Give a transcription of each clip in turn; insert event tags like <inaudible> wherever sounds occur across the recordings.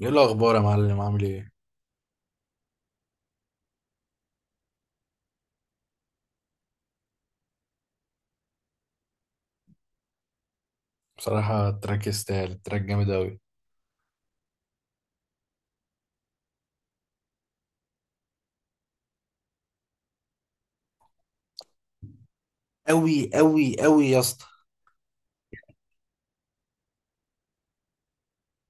ايه الاخبار يا معلم؟ عامل ايه؟ بصراحه التراك يستاهل، التراك جامد قوي. أوي أوي أوي يا اسطى.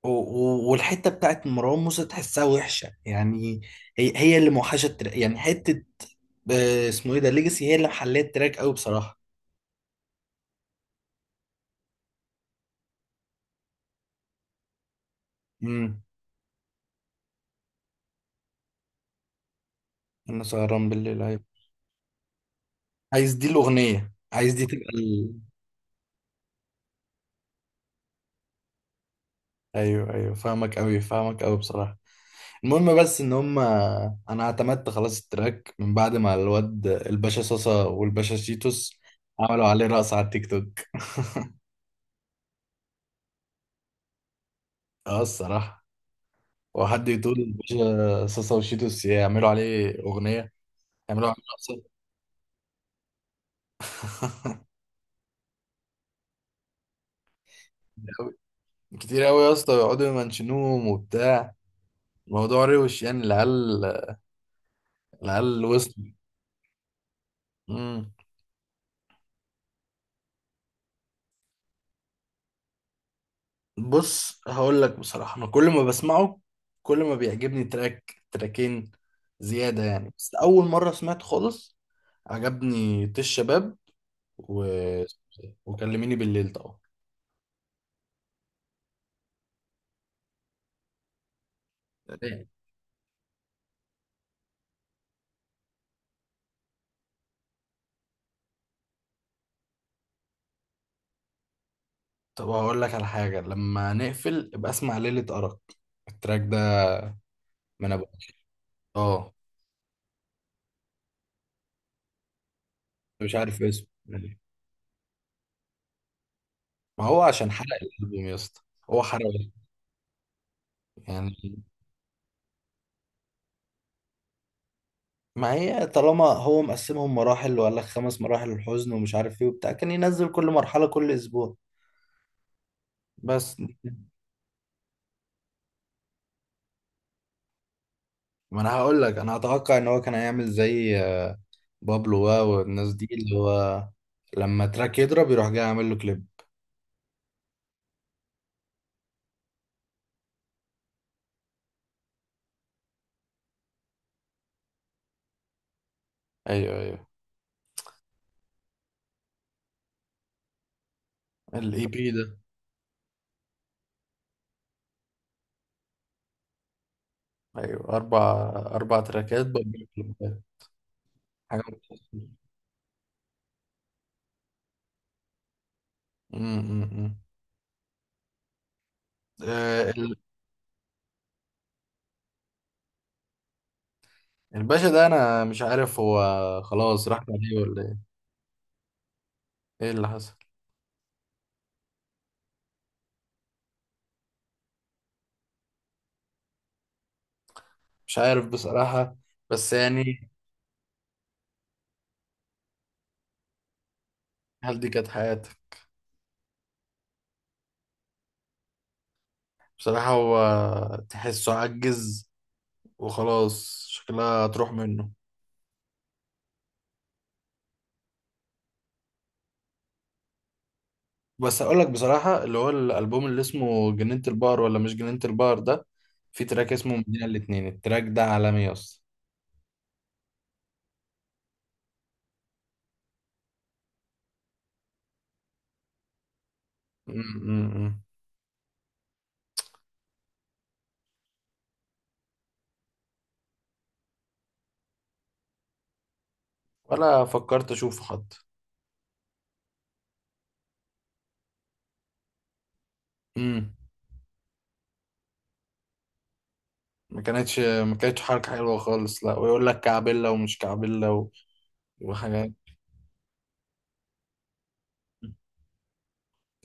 والحتة بتاعت مروان موسى تحسها وحشة يعني. هي اللي موحشة التراك، يعني حتة. آه، اسمه ايه ده؟ ليجاسي هي اللي محلية التراك أوي بصراحة. امم. انا سهران بالليل، ايوه. عايز دي الأغنية، عايز دي تبقى ايوه ايوه، فاهمك قوي، فاهمك قوي بصراحه. المهم بس ان هم انا اعتمدت خلاص التراك من بعد ما الواد الباشا صاصا والباشا شيتوس عملوا عليه رقص على التيك توك. <laughs> اه الصراحة. وحد يقول الباشا صاصا وشيتوس يعملوا عليه أغنية، يعملوا عليه رقصة. كتير أوي، كتير أوي يا اسطى، يقعدوا يمنشنوهم وبتاع. الموضوع روش، يعني العيال، العيال وصلوا. مم. بص هقول لك بصراحة، أنا كل ما بسمعه كل ما بيعجبني تراك، تراكين زيادة يعني. بس أول مرة سمعت خالص عجبني طيش شباب و... وكلميني بالليل طبعا. طب هقول لك على حاجة، لما نقفل ابقى اسمع ليلة أرق، التراك ده، من ابو. اه مش عارف اسمه يعني. ما هو عشان حرق الألبوم يا اسطى، هو حرق يعني. ما هي طالما هو مقسمهم مراحل وقال لك خمس مراحل الحزن ومش عارف ايه وبتاع، كان ينزل كل مرحلة كل أسبوع بس. ما انا هقول لك، انا اتوقع ان هو كان هيعمل زي بابلو واو والناس دي، اللي هو لما تراك يضرب يروح جاي عامل له كليب. ايوه، ايوه. الاي بي ده. ايوه، اربع، اربع تراكات بابلو كليبات. حاجه متخصصة. أمم، أمم، أمم. آه، ال- الباشا ده انا مش عارف، هو خلاص راح عليه ولا ايه؟ ايه اللي حصل؟ مش عارف بصراحه، بس يعني. هل دي كانت حياته؟ بصراحه هو تحسه عجز وخلاص شكلها هتروح منه. بس اقول لك بصراحه اللي هو الالبوم اللي اسمه جنينه البحر ولا مش جنينه البحر ده، في تراك اسمه مدينه الاتنين، التراك ده عالمي يا اسطى. أمم، أمم. ولا فكرت اشوفه حتى. امم. ما كانتش حركه حلوه خالص، لا، ويقول لك كعبله ومش كعبله و... وحاجات.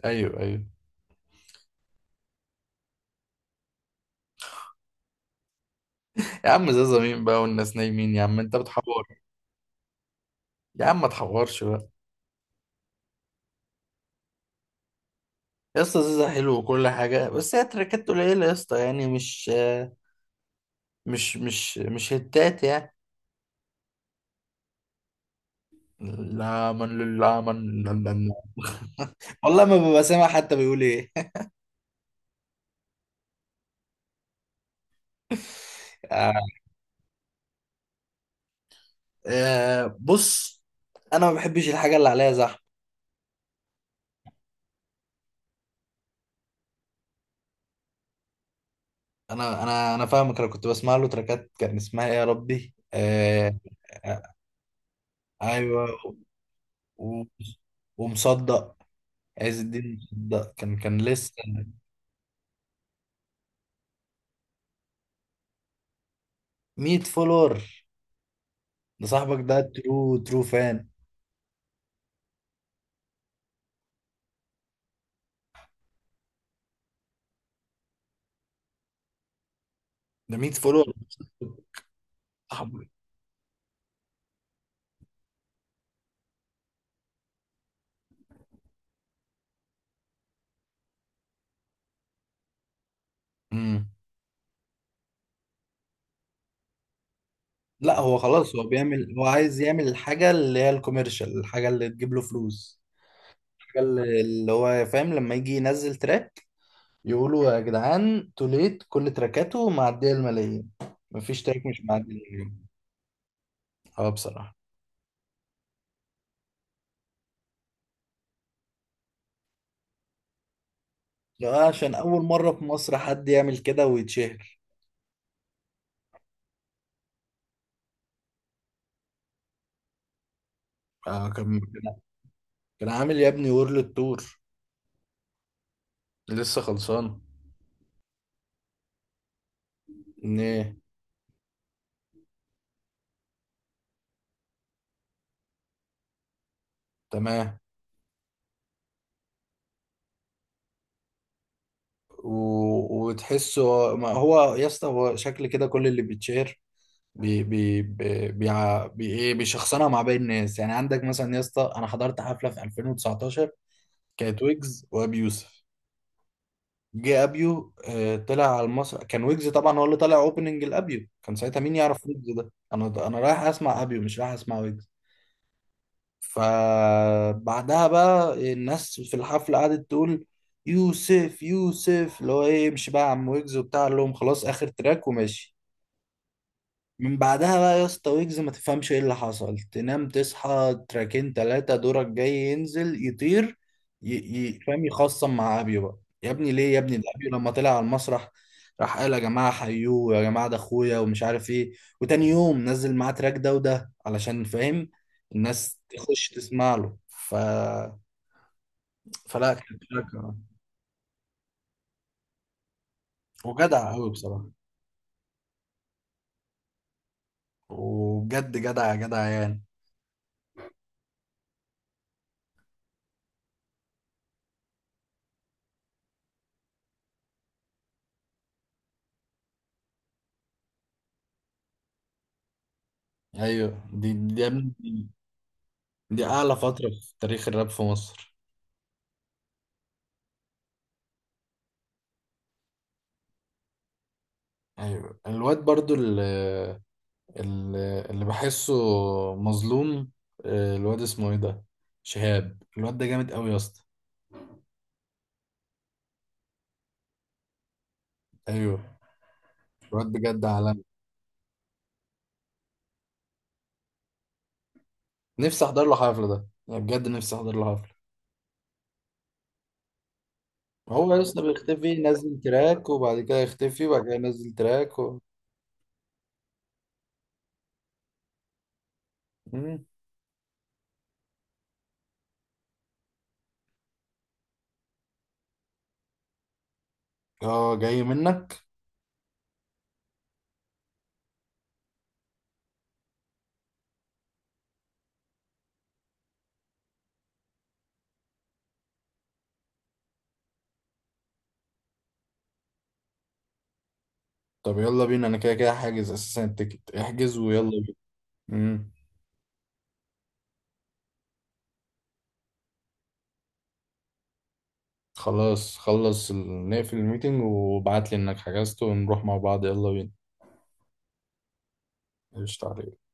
ايوه، ايوه. يا عم زازا مين بقى والناس نايمين، يا عم انت بتحور. يا عم ما تحورش بقى. يا اسطى زازا حلو وكل حاجه، بس هي تراكات قليله يا اسطى، يعني مش هتات يعني. لا، من لله، من لا، لا، لا. والله ما ببقى سامع حتى بيقول ايه. <laughs> آه، آه، بص انا ما بحبش الحاجه اللي عليها زحمه. انا فاهمك، انا كنت بسمع له تراكات كان اسمها ايه يا ربي، آه، آه، ايوه. و- ومصدق، عز الدين مصدق، كان لسه 100 فولور. ده صاحبك ده ترو ترو فان. ده 100 فولور. صاحبي. امم. لا هو خلاص هو بيعمل، هو عايز يعمل الحاجة اللي هي الكوميرشال، الحاجة اللي تجيب له فلوس، الحاجة اللي هو فاهم، لما يجي ينزل تراك يقولوا يا جدعان توليت كل تراكاته معدية الملايين، مفيش تراك مش معدي المليون. اه بصراحة. لا، عشان أول مرة في مصر حد يعمل كده ويتشهر. اه كان، كان عامل يا ابني وورلد تور، لسه خلصان. ايه؟ تمام. و... وتحسه، ما هو يا اسطى هو شكل كده كل اللي بيتشهر بي ايه، بيشخصنها مع باقي الناس. يعني عندك مثلا يا اسطى، انا حضرت حفله في 2019، كانت ويجز وابي يوسف. جه ابيو، آه، طلع على المسرح، كان ويجز طبعا هو اللي طلع اوبننج الابيو، كان ساعتها مين يعرف ويجز ده؟ انا رايح اسمع ابيو مش رايح اسمع ويجز. فبعدها بقى الناس في الحفله قعدت تقول يوسف، يوسف، اللي هو ايه، امشي بقى يا عم ويجز وبتاع، قال لهم خلاص اخر تراك وماشي. من بعدها بقى يا اسطى ويجز ما تفهمش ايه اللي حصل، تنام تصحى تراكين تلاتة دورك جاي ينزل يطير فاهم يخصم مع ابيو بقى، يا ابني ليه يا ابني؟ ده ابيو لما طلع على المسرح راح قال يا جماعة حيوه، يا جماعة ده اخويا ومش عارف ايه، وتاني يوم نزل معاه تراك، ده وده علشان فاهم الناس تخش تسمع له ف... فلا كان تراك. وجدع قوي بصراحة، وبجد جدع جدع يعني. ايوه، دي يا ابني دي اعلى فترة في تاريخ الراب في مصر. ايوه الواد برضو اللي بحسه مظلوم، آه، الواد اسمه ايه ده؟ شهاب، الواد ده جامد قوي يا اسطى. ايوه الواد بجد عالمي. نفسي احضر له حفلة، ده يعني بجد نفسي احضر له حفلة. هو يا اسطى بيختفي ينزل تراك وبعد كده يختفي وبعد كده ينزل تراك و... مم. اه جاي منك. طب يلا بينا، انا كده كده حاجز اساسا التيكت، احجز ويلا بينا. مم. خلاص، خلص نقفل الميتنج وابعت لي انك حجزت ونروح مع بعض، يلا بينا. قشطة عليك.